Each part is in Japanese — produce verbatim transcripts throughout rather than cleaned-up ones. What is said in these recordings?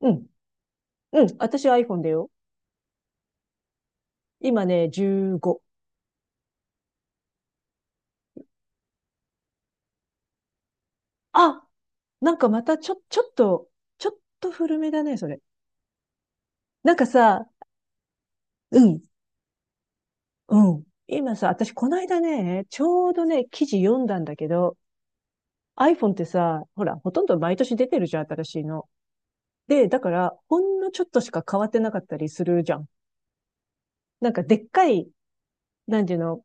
うん。うん。私は iPhone だよ。今ね、じゅうご。あ、なんかまたちょ、ちょっと、ちょっと古めだね、それ。なんかさ、うん、うん。今さ、私この間ね、ちょうどね、記事読んだんだけど、iPhone ってさ、ほら、ほとんど毎年出てるじゃん、新しいの。で、だから、ほんのちょっとしか変わってなかったりするじゃん。なんかでっかい、なんていうの、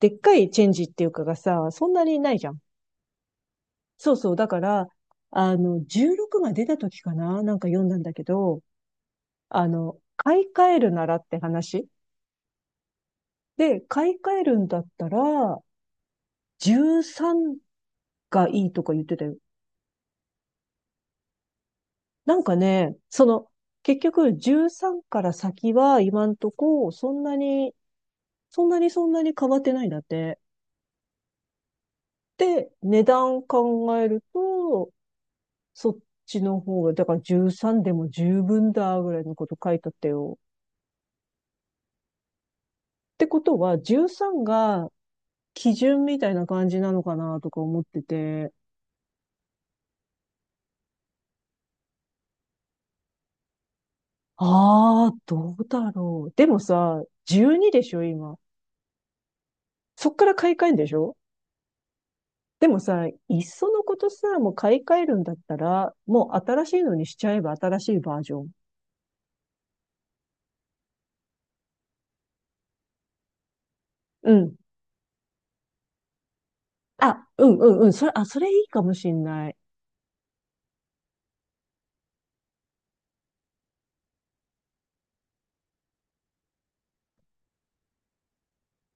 でっかいチェンジっていうかがさ、そんなにないじゃん。そうそう。だから、あの、じゅうろくが出た時かななんか読んだんだけど、あの、買い替えるならって話。で、買い替えるんだったら、じゅうさんがいいとか言ってたよ。なんかね、その、結局じゅうさんから先は今んとこ、そんなに、そんなにそんなに変わってないんだって。で、値段考えると、そっちの方が、だからじゅうさんでも十分だぐらいのこと書いてあったよ。ってことは、じゅうさんが基準みたいな感じなのかなとか思ってて、ああ、どうだろう。でもさ、じゅうにでしょ、今。そっから買い替えんでしょ。でもさ、いっそのことさ、もう買い替えるんだったら、もう新しいのにしちゃえば新しいバージョン。うん。あ、うんうんうん。それ、あ、それいいかもしんない。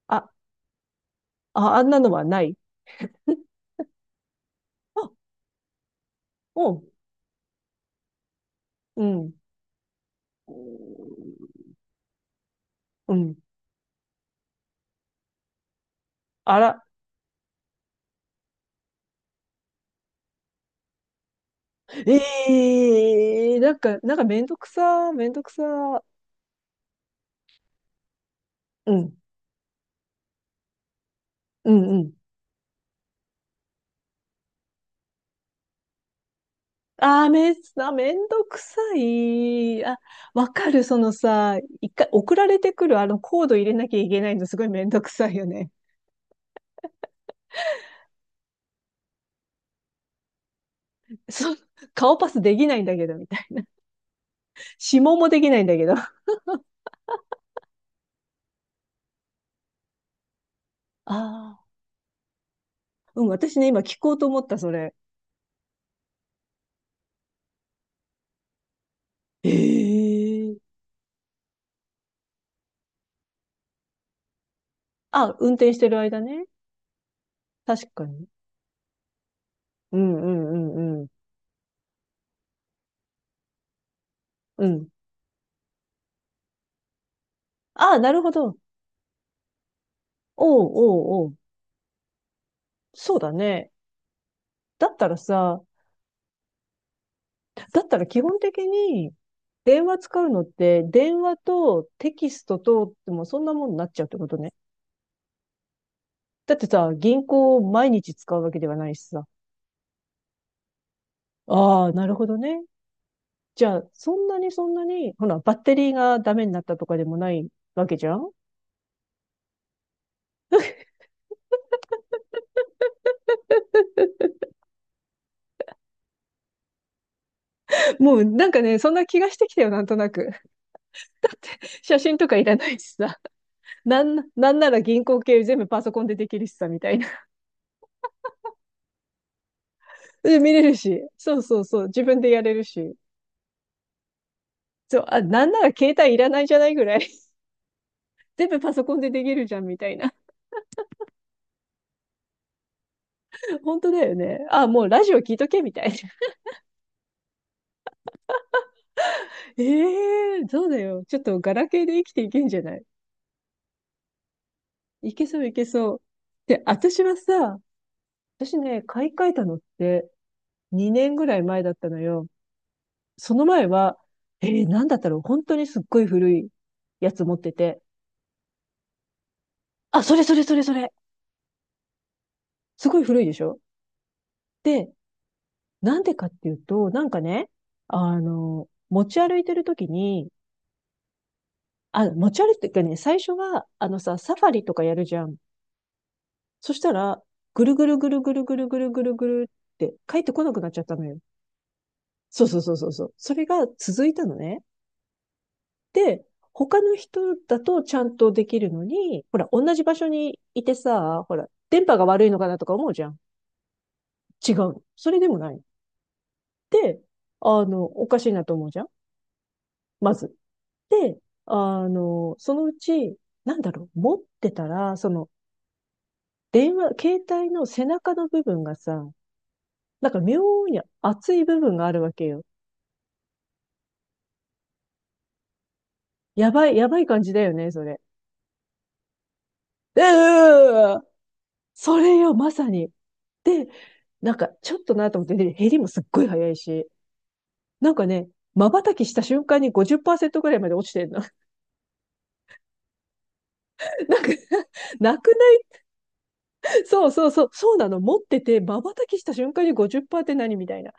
あ、あ、あんなのはない。あ、うん、うん。うん。あら、ええーなんか、なんかめんどくさ、めんどくさ。うん、うん、うん。あーめん、あ、めんどくさい。あ、わかる。そのさ、一回送られてくるあのコード入れなきゃいけないのすごいめんどくさいよね。そう、顔パスできないんだけど、みたいな。指紋もできないんだけど。ああ、うん、私ね、今聞こうと思った、それ。ええ、あ、運転してる間ね。確かに。うんうんうんうん。うん。ああ、なるほど。おうおうおう。そうだね。だったらさ、だったら基本的に電話使うのって、電話とテキストと、でもそんなもんになっちゃうってことね。だってさ、銀行を毎日使うわけではないしさ。ああ、なるほどね。じゃあ、そんなにそんなに、ほら、バッテリーがダメになったとかでもないわけじゃん。もうなんかね、そんな気がしてきたよ、なんとなく。写真とかいらないしさ。なん、なんなら銀行系全部パソコンでできるしさ、みたいな。で、見れるし。そうそうそう。自分でやれるし。そう、あ、なんなら携帯いらないじゃないぐらい。全部パソコンでできるじゃんみたいな。本当だよね。あ、もうラジオ聞いとけみたいな。ええー、そうだよ。ちょっとガラケーで生きていけんじゃない。いけそういけそう。で、私はさ、私ね、買い替えたのってにねんぐらい前だったのよ。その前は、えー、なんだったろう。本当にすっごい古いやつ持ってて。あ、それそれそれそれ。すごい古いでしょ。で、なんでかっていうと、なんかね、あの、持ち歩いてるときに、あ、持ち歩いてるかね、最初は、あのさ、サファリとかやるじゃん。そしたら、ぐるぐるぐるぐるぐるぐるぐるぐるって帰ってこなくなっちゃったのよ。そうそうそうそうそう。それが続いたのね。で、他の人だとちゃんとできるのに、ほら、同じ場所にいてさ、ほら、電波が悪いのかなとか思うじゃん。違うの。それでもないの。で、あの、おかしいなと思うじゃん。まず。で、あの、そのうち、なんだろう、持ってたら、その、電話、携帯の背中の部分がさ、なんか妙に熱い部分があるわけよ。やばい、やばい感じだよね、それ。うー、それよ、まさに。で、なんかちょっとなと思って、で減りもすっごい早いし、なんかね、瞬きした瞬間にごじゅうパーセントぐらいまで落ちてんの。なんか、なくないそうそうそう、そうなの。持ってて、瞬きした瞬間にごじゅうっパーセントって何みたいな。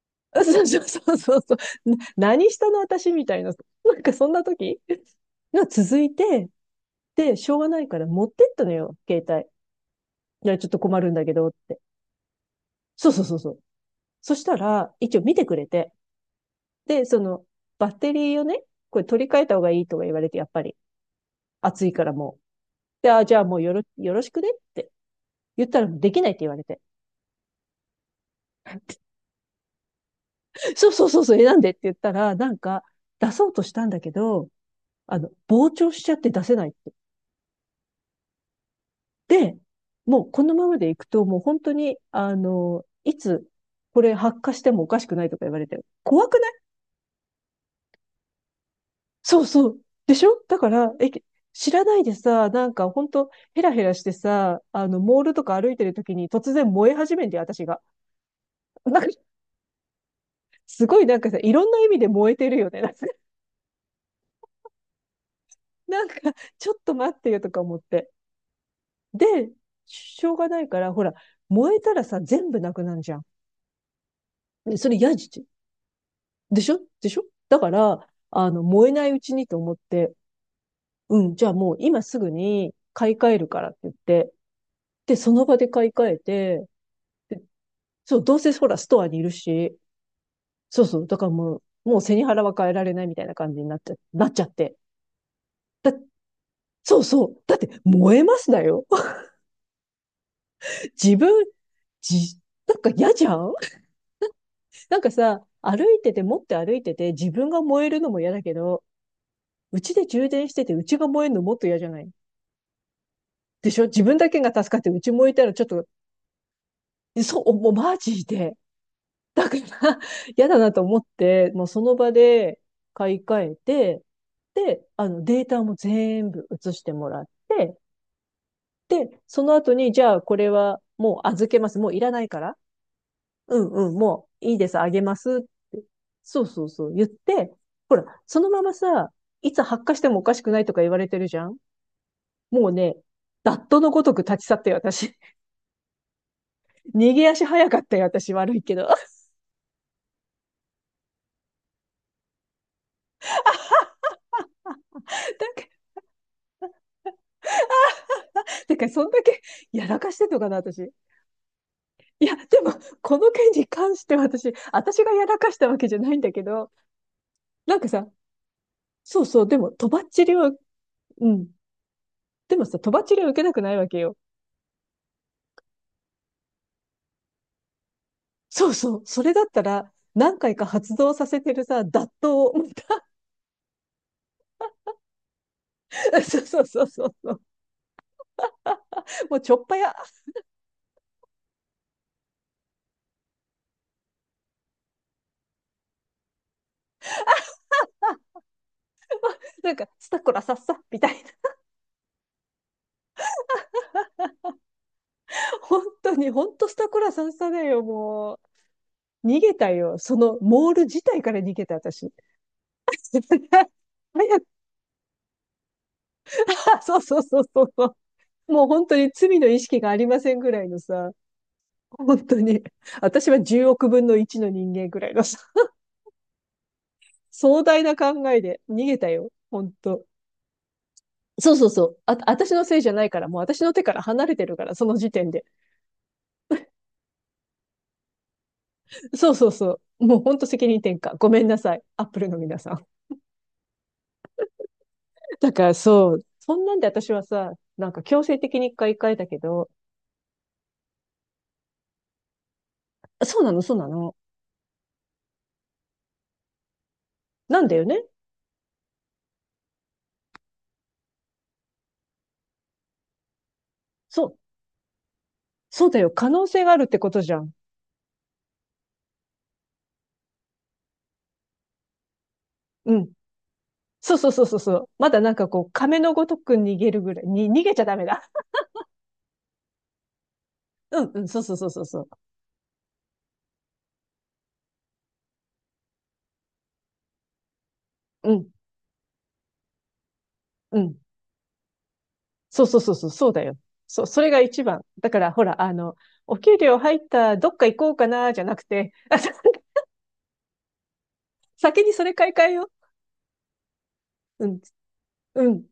あ、そうそうそうそうそう。な何したの私みたいな。なんかそんな時が 続いて、で、しょうがないから持ってったのよ、携帯。いや、ちょっと困るんだけどって。そうそうそうそう。そしたら、一応見てくれて。で、その、バッテリーをね、これ取り替えた方がいいとか言われて、やっぱり、暑いからもう。で、あ、じゃあもうよろ、よろしくねって言ったら、できないって言われて。そうそうそう、そう、え、なんでって言ったら、なんか、出そうとしたんだけど、あの、膨張しちゃって出せないって。で、もうこのままでいくと、もう本当に、あの、いつ、これ発火してもおかしくないとか言われて、怖くない？そうそう。でしょ？だから、え、知らないでさ、なんかほんと、ヘラヘラしてさ、あの、モールとか歩いてる時に突然燃え始めて、私が。なんか、すごいなんかさ、いろんな意味で燃えてるよね。なんか、なんかちょっと待ってよとか思って。で、しょうがないから、ほら、燃えたらさ、全部なくなるじゃん。でそれ嫌じゃん。でしょでしょ？だから、あの、燃えないうちにと思って、うん、じゃあもう今すぐに買い替えるからって言って、で、その場で買い替えて、そう、どうせほら、ストアにいるし、そうそう、だからもう、もう背に腹は変えられないみたいな感じになっちゃ、なっちゃって。そうそう。だって、燃えますだよ。自分、じ、なんか嫌じゃん。 なんかさ、歩いてて、持って歩いてて、自分が燃えるのも嫌だけど、うちで充電してて、うちが燃えるのもっと嫌じゃない？でしょ？自分だけが助かって、うち燃えたらちょっと、そう、もうマジで。だから、嫌だなと思って、もうその場で買い替えて、で、あの、データも全部移してもらって、で、その後に、じゃあ、これはもう預けます。もういらないから。うんうん、もういいです。あげます。って。そうそうそう、言って、ほら、そのままさ、いつ発火してもおかしくないとか言われてるじゃん。もうね、ダットのごとく立ち去って私。逃げ足早かったよ、私。悪いけど。だから、だからそんだけやらかしてんのかな、私。いや、でも、この件に関して私、私がやらかしたわけじゃないんだけど、なんかさ、そうそう、でも、とばっちりは、うん。でもさ、とばっちりは受けたくないわけよ。そうそう、それだったら、何回か発動させてるさ、脱刀を、また そうそうそうそうそう、もうちょっぱや、なんか、スタコラさっさ、みたいな。本当に、本当スタコラさっさだよ、もう。逃げたよ。その、モール自体から逃げた、私。早く、そうそうそうそうそう。もう本当に罪の意識がありませんぐらいのさ、本当に、私はじゅうおくぶんのいちの人間ぐらいのさ、壮大な考えで逃げたよ、本当。そうそうそう。あ、私のせいじゃないから、もう私の手から離れてるから、その時点で。そうそうそう。もう本当責任転嫁。ごめんなさい。アップルの皆さん。だからそう、そんなんで私はさ、なんか強制的に一回一回だけど、そうなの、そうなの。なんだよね。そう、そうだよ。可能性があるってことじゃん。うん。そうそうそうそうそう。まだなんかこう、亀のごとく逃げるぐらい。に、逃げちゃダメだ。うんうん、そうそうそうそうそう。うん、うん。そうそうそうそう、そうだよ。そう、それが一番。だから、ほら、あの、お給料入った、どっか行こうかな、じゃなくて、あさ先にそれ買い替えよう。うん、うん、